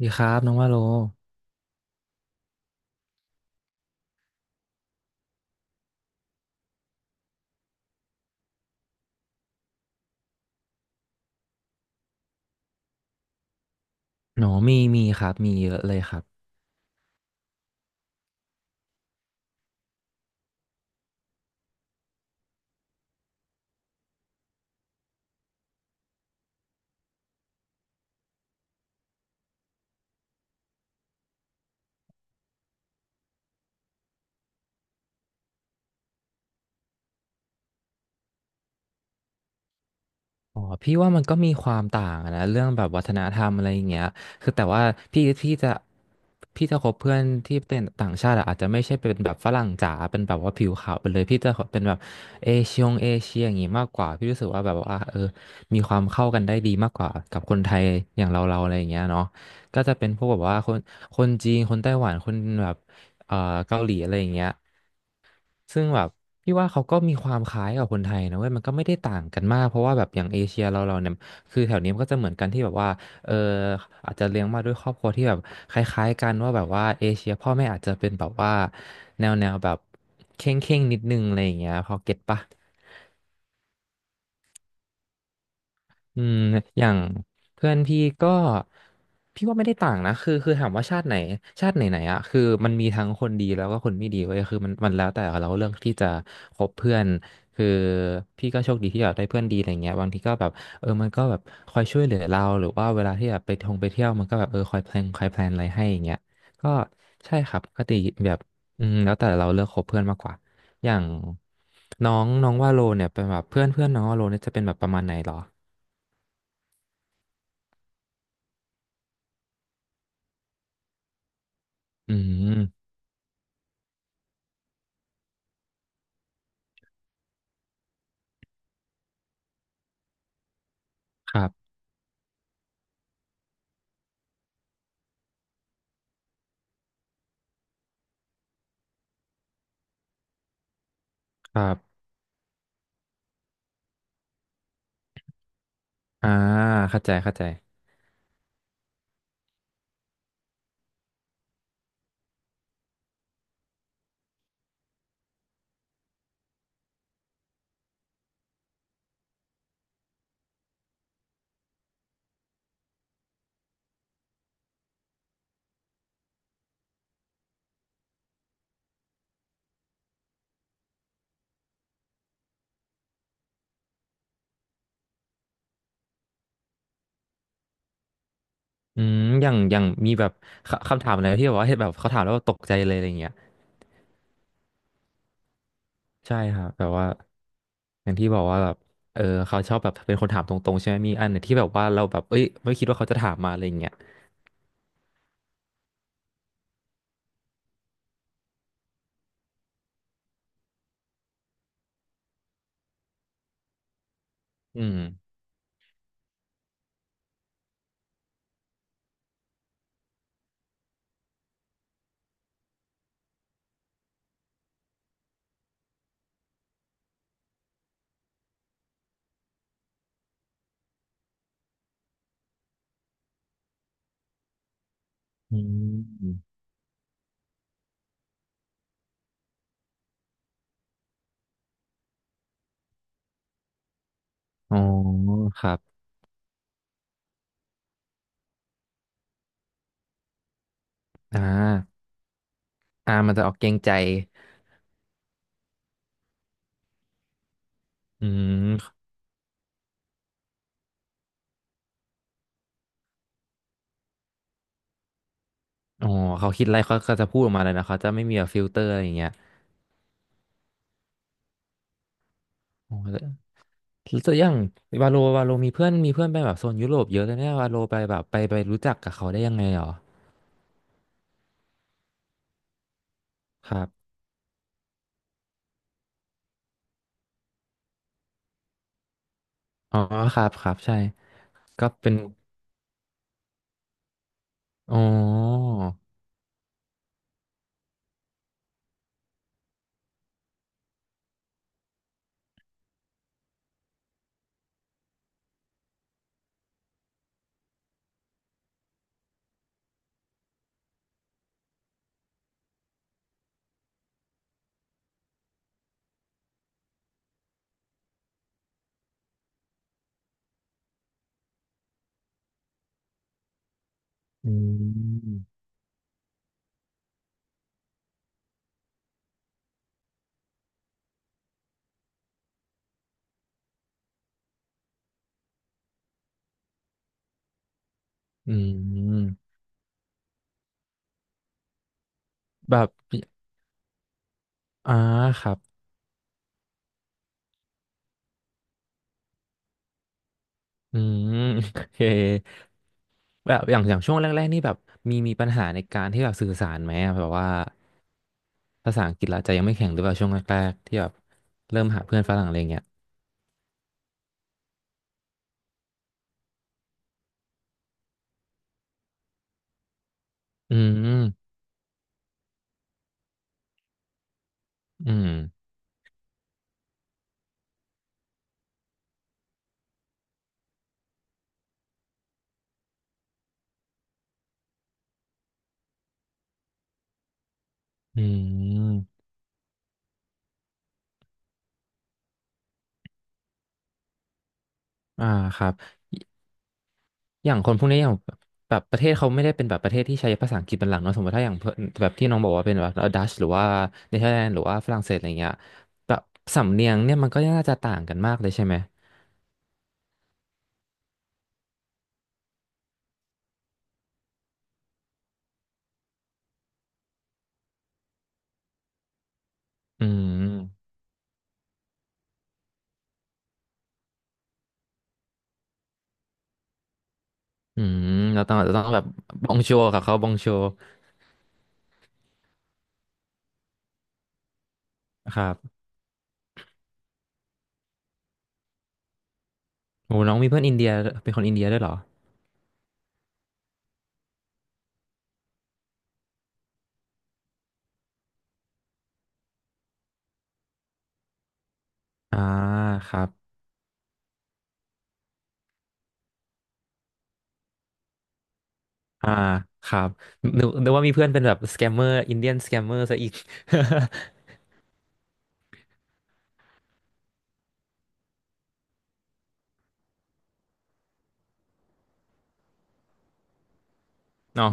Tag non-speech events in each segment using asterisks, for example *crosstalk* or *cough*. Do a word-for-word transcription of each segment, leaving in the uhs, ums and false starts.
ดีครับน้องว่าโลหนอมีมีครับมีเยอะเลยครับอ๋อพี่ว่ามันก็มีความต่างอะนะเรื่องแบบวัฒนธรรมอะไรอย่างเงี้ยคือแต่ว่าพี่พี่จะพี่จะคบเพื่อนที่เป็นต่างชาติอะอาจจะไม่ใช่เป็นแบบฝรั่งจ๋าเป็นแบบว่าผิวขาวไปเลยพี่จะเป็นแบบเอเชียงเอเชียอย่างงี้มากกว่าพี่รู้สึกว่าแบบว่าเออมีความเข้ากันได้ดีมากกว่ากับคนไทยอย่างเราเราอะไรอย่างเงี้ยเนาะก็จะเป็นพวกแบบว่าคนคนจีนคนไต้หวันคนแบบเอ่อเกาหลีอะไรอย่างเงี้ย ซึ่งแบบพี่ว่าเขาก็มีความคล้ายกับคนไทยนะเว้ยมันก็ไม่ได้ต่างกันมากเพราะว่าแบบอย่างเอเชียเราเราเนี่ยคือแถวนี้มันก็จะเหมือนกันที่แบบว่าเอออาจจะเลี้ยงมาด้วยครอบครัวที่แบบคล้ายๆกันว่าแบบว่าเอเชียพ่อแม่อาจจะเป็นแบบว่าแนวแนวแบบเข่งเข่งนิดนึงอะไรอย่างเงี้ยพอเก็ตปะ อืมอย่างเพื่อนพี่ก็พี่ว่าไม่ได้ต่างนะคือคือถามว่าชาติไหนชาติไหนไหนอะคือมันมีทั้งคนดีแล้วก็คนไม่ดีเว้ยคือมันมันแล้วแต่เราเลือกที่จะคบเพื่อนคือพี่ก็โชคดีที่แบบได้เพื่อนดีอะไรเงี้ยบางทีก็แบบเออมันก็แบบคอยช่วยเหลือเราหรือว่าเวลาที่แบบไปท่องไปเที่ยวมันก็แบบเออคอยแพลนคอยแพลนอะไรให้อย่างเงี้ยก็ใช่ครับปก็ติแบบอืมแล้วแต่เราเลือกคบเพื่อนมากกว่าอย่างน้องน้องว่าโลเนี่ยเป็นแบบเพื่อนเพื่อนน้องว่าโลเนี่ยจะเป็นแบบประมาณไหนเหรอ อืมครับครับอ่าเข้าใจเข้าใจอืมอย่างอย่างมีแบบคคำถามอะไรที่แบบว่าเห็นแบบเขาถามแล้วแบบตกใจเลยอะไรเงี้ยใช่ครับแบบว่าอย่างที่บอกว่าแบบเออเขาชอบแบบเป็นคนถามตรงๆใช่ไหมมีอันไหนที่แบบว่าเราแบบเอ้ยไม่คิดว่าเขาจะถามมาอะไรเงี้ยอืมอืมอ๋อครับอ่าอ่ามันจะออกเกรงใจอืมอ๋อเขาคิดอะไรเขาก็จะพูดออกมาเลยนะเขาจะไม่มีแบบฟิลเตอร์อะไรอย่างเงี้ยอ๋อ แล้วตัอย่างวาโลวาโลมีเพื่อนมีเพื่อนไปแบบโซนยุโรปเยอะเลยเนี่ยวาโลไปแบบไปไปรู้จักกับเขาได้ยังไงหรอครับอ๋อครับครับใช่ก็เป็นอ๋ออืมอืมแบบอ่าครับอืม *laughs* โอเคแบบอย่างอย่างช่วงแรกๆนี่แบบมีมีปัญหาในการที่แบบสื่อสารไหมอะแบบว่าภาษาอังกฤษเราจะยังไม่แข็งหรือเปล่าช่วงแรกๆที่แบบเริ่มหาเพื่อนฝรั่งอะไรเงี้ยอืมอืมอืมอ่าครับ อย่างคนพวกนี้อย่างแบบประเทศเขาไม่ได้เป็นแบบประเทศที่ใช้ภาษาอังกฤษเป็นหลักเนอะสมมติถ้าอย่างเพื่อนแบบที่น้องบอกว่าเป็นแบบดัชหรือว่าเนเธอร์แลนด์หรือว่าฝรั่งเศสอะไรเงี้ยแบบสำเนียงเนี่ยมันก็น่าจะต่างกันมากเลยใช่ไหมอืมอืมเราต้องเราต้องแบบบองโชกับเขาบองโชครับโอ้น้องมีเพื่อนอินเดียเป็นคนอินเดียด้วยเหรออ่าครับอ่าครับนึกนึกว่ามีเพื่อนเป็นแบบสแกมเมอร์อินเดียนสแกมเมอร์ซะอีก *laughs* น้อง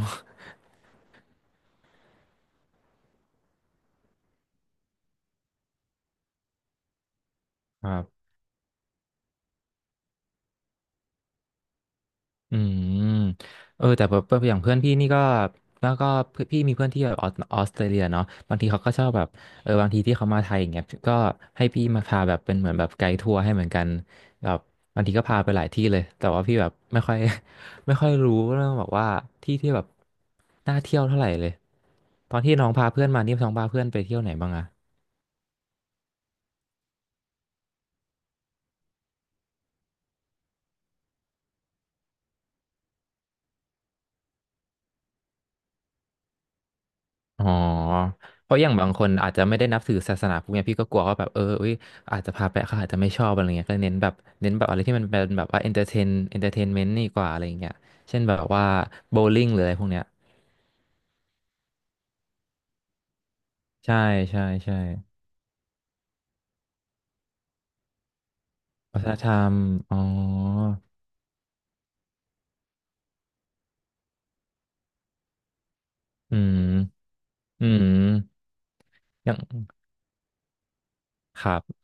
ครับ อืมเออแต่แบบอย่างเพื่อนพี่นี่ก็แล้วก็เพื่อนพี่มีเพื่อนที่แบบออสออสเตรเลียเนาะบางทีเขาก็ชอบแบบเออบางทีที่เขามาไทยอย่างเงี้ยก็ให้พี่มาพาแบบเป็นเหมือนแบบไกด์ทัวร์ให้เหมือนกันแบบบางทีก็พาไปหลายที่เลยแต่ว่าพี่แบบไม่ค่อย *laughs* ไม่ค่อยรู้เรื่องแบบว่าที่ที่แบบน่าเที่ยวเท่าไหร่เลยตอนที่น้องพาเพื่อนมานี่น้องพาเพื่อนไปเที่ยวไหนบ้างอะ อ๋อ เพราะอย่างบางคนอาจจะไม่ได้นับถือศาสนาพวกเนี้ยพี่ก็กลัวว่าแบบเอออุ้ยอาจจะพาไปเขาอาจจะไม่ชอบอะไรเงี้ยก็เน้นแบบเน้นแบบอะไรที่มันเป็นแบบว่าเอนเตอร์เทนเอนเตอร์เทนเมนต์นี่กว่าอะไรเงี้ยเช่นแบบว่าโบว์ลิ่งหรืออะไรพวกเนี้ยใช่ใช่ใช่วัฒนธรรมอ๋ออืมอืมอย่างครับ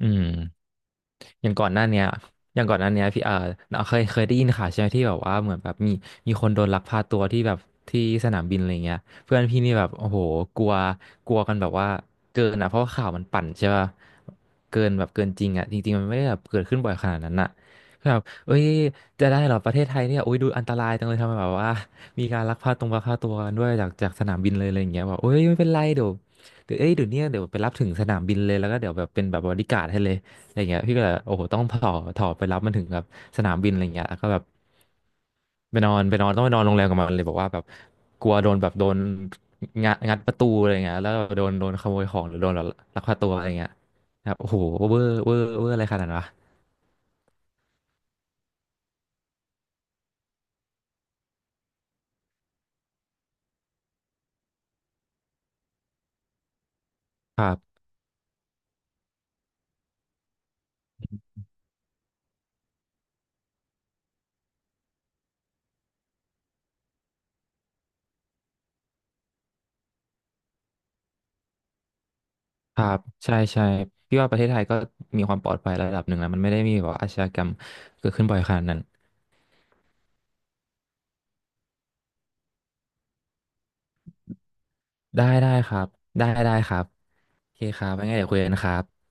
อืม อย่างก่อนหน้าเนี้ยอย่างก่อนหน้าเนี้ยพี่เออเราเคยเคยได้ยินข่าวใช่ไหมที่แบบว่าเหมือนแบบมีมีคนโดนลักพาตัวที่แบบที่สนามบินอะไรเงี้ยเพื่อนพี่นี่แบบโอ้โหกลัวกลัวกันแบบว่าเกินอ่ะเพราะว่าข่าวมันปั่นใช่ป่ะเกินแบบเกินจริงอ่ะจริงๆมันไม่ได้แบบเกิดขึ้นบ่อยขนาดนั้นอ่ะคือแบบเอ้ยจะได้เหรอประเทศไทยเนี่ยโอ้ยดูอันตรายจังเลยทำไมแบบว่ามีการลักพาตรงลักพาตัวกันด้วยจากจากสนามบินเลยอะไรอย่างเงี้ยบอกเอ้ยไม่เป็นไรเดี๋ยวเดี๋ยวเอ้ยเดี๋ยวเนี้ยเดี๋ยวไปรับถึงสนามบินเลยแล้วก็เดี๋ยวแบบเป็นแบบบอดี้การ์ดให้เลย อะไรเงี้ยพี่ก็เลยโอ้โหต้องต่อต่อไปรับมันถึงแบบสนามบินอะไรเงี้ยแล้วก็แบบไปนอนไปนอนต้องไปนอนโรงแรมกับมันเลยบอกว่าแบบกลัวโดนแบบโดนงัดงัดประตูอะไรเงี้ยแล้วก็โดนโดนขโมยของหรือโดนแบบลักพาตัวอะไรเงี้ยครับโอ้โหเวอร์เวอร์เวอร์อะไรขนาดนั้นวะครับครับใช่ใช่พี่ว่าประเทศไทยก็มีความปลอดภัยระดับหนึ่งแล้วมันไม่ได้มีแบบว่าอาชญากรรมเกิดขึ้นบ่อยขนาดนั้นได้ได้ครับได้ได้ครับโอเคครับไว้ไงเดี๋ยวคุยกันครับ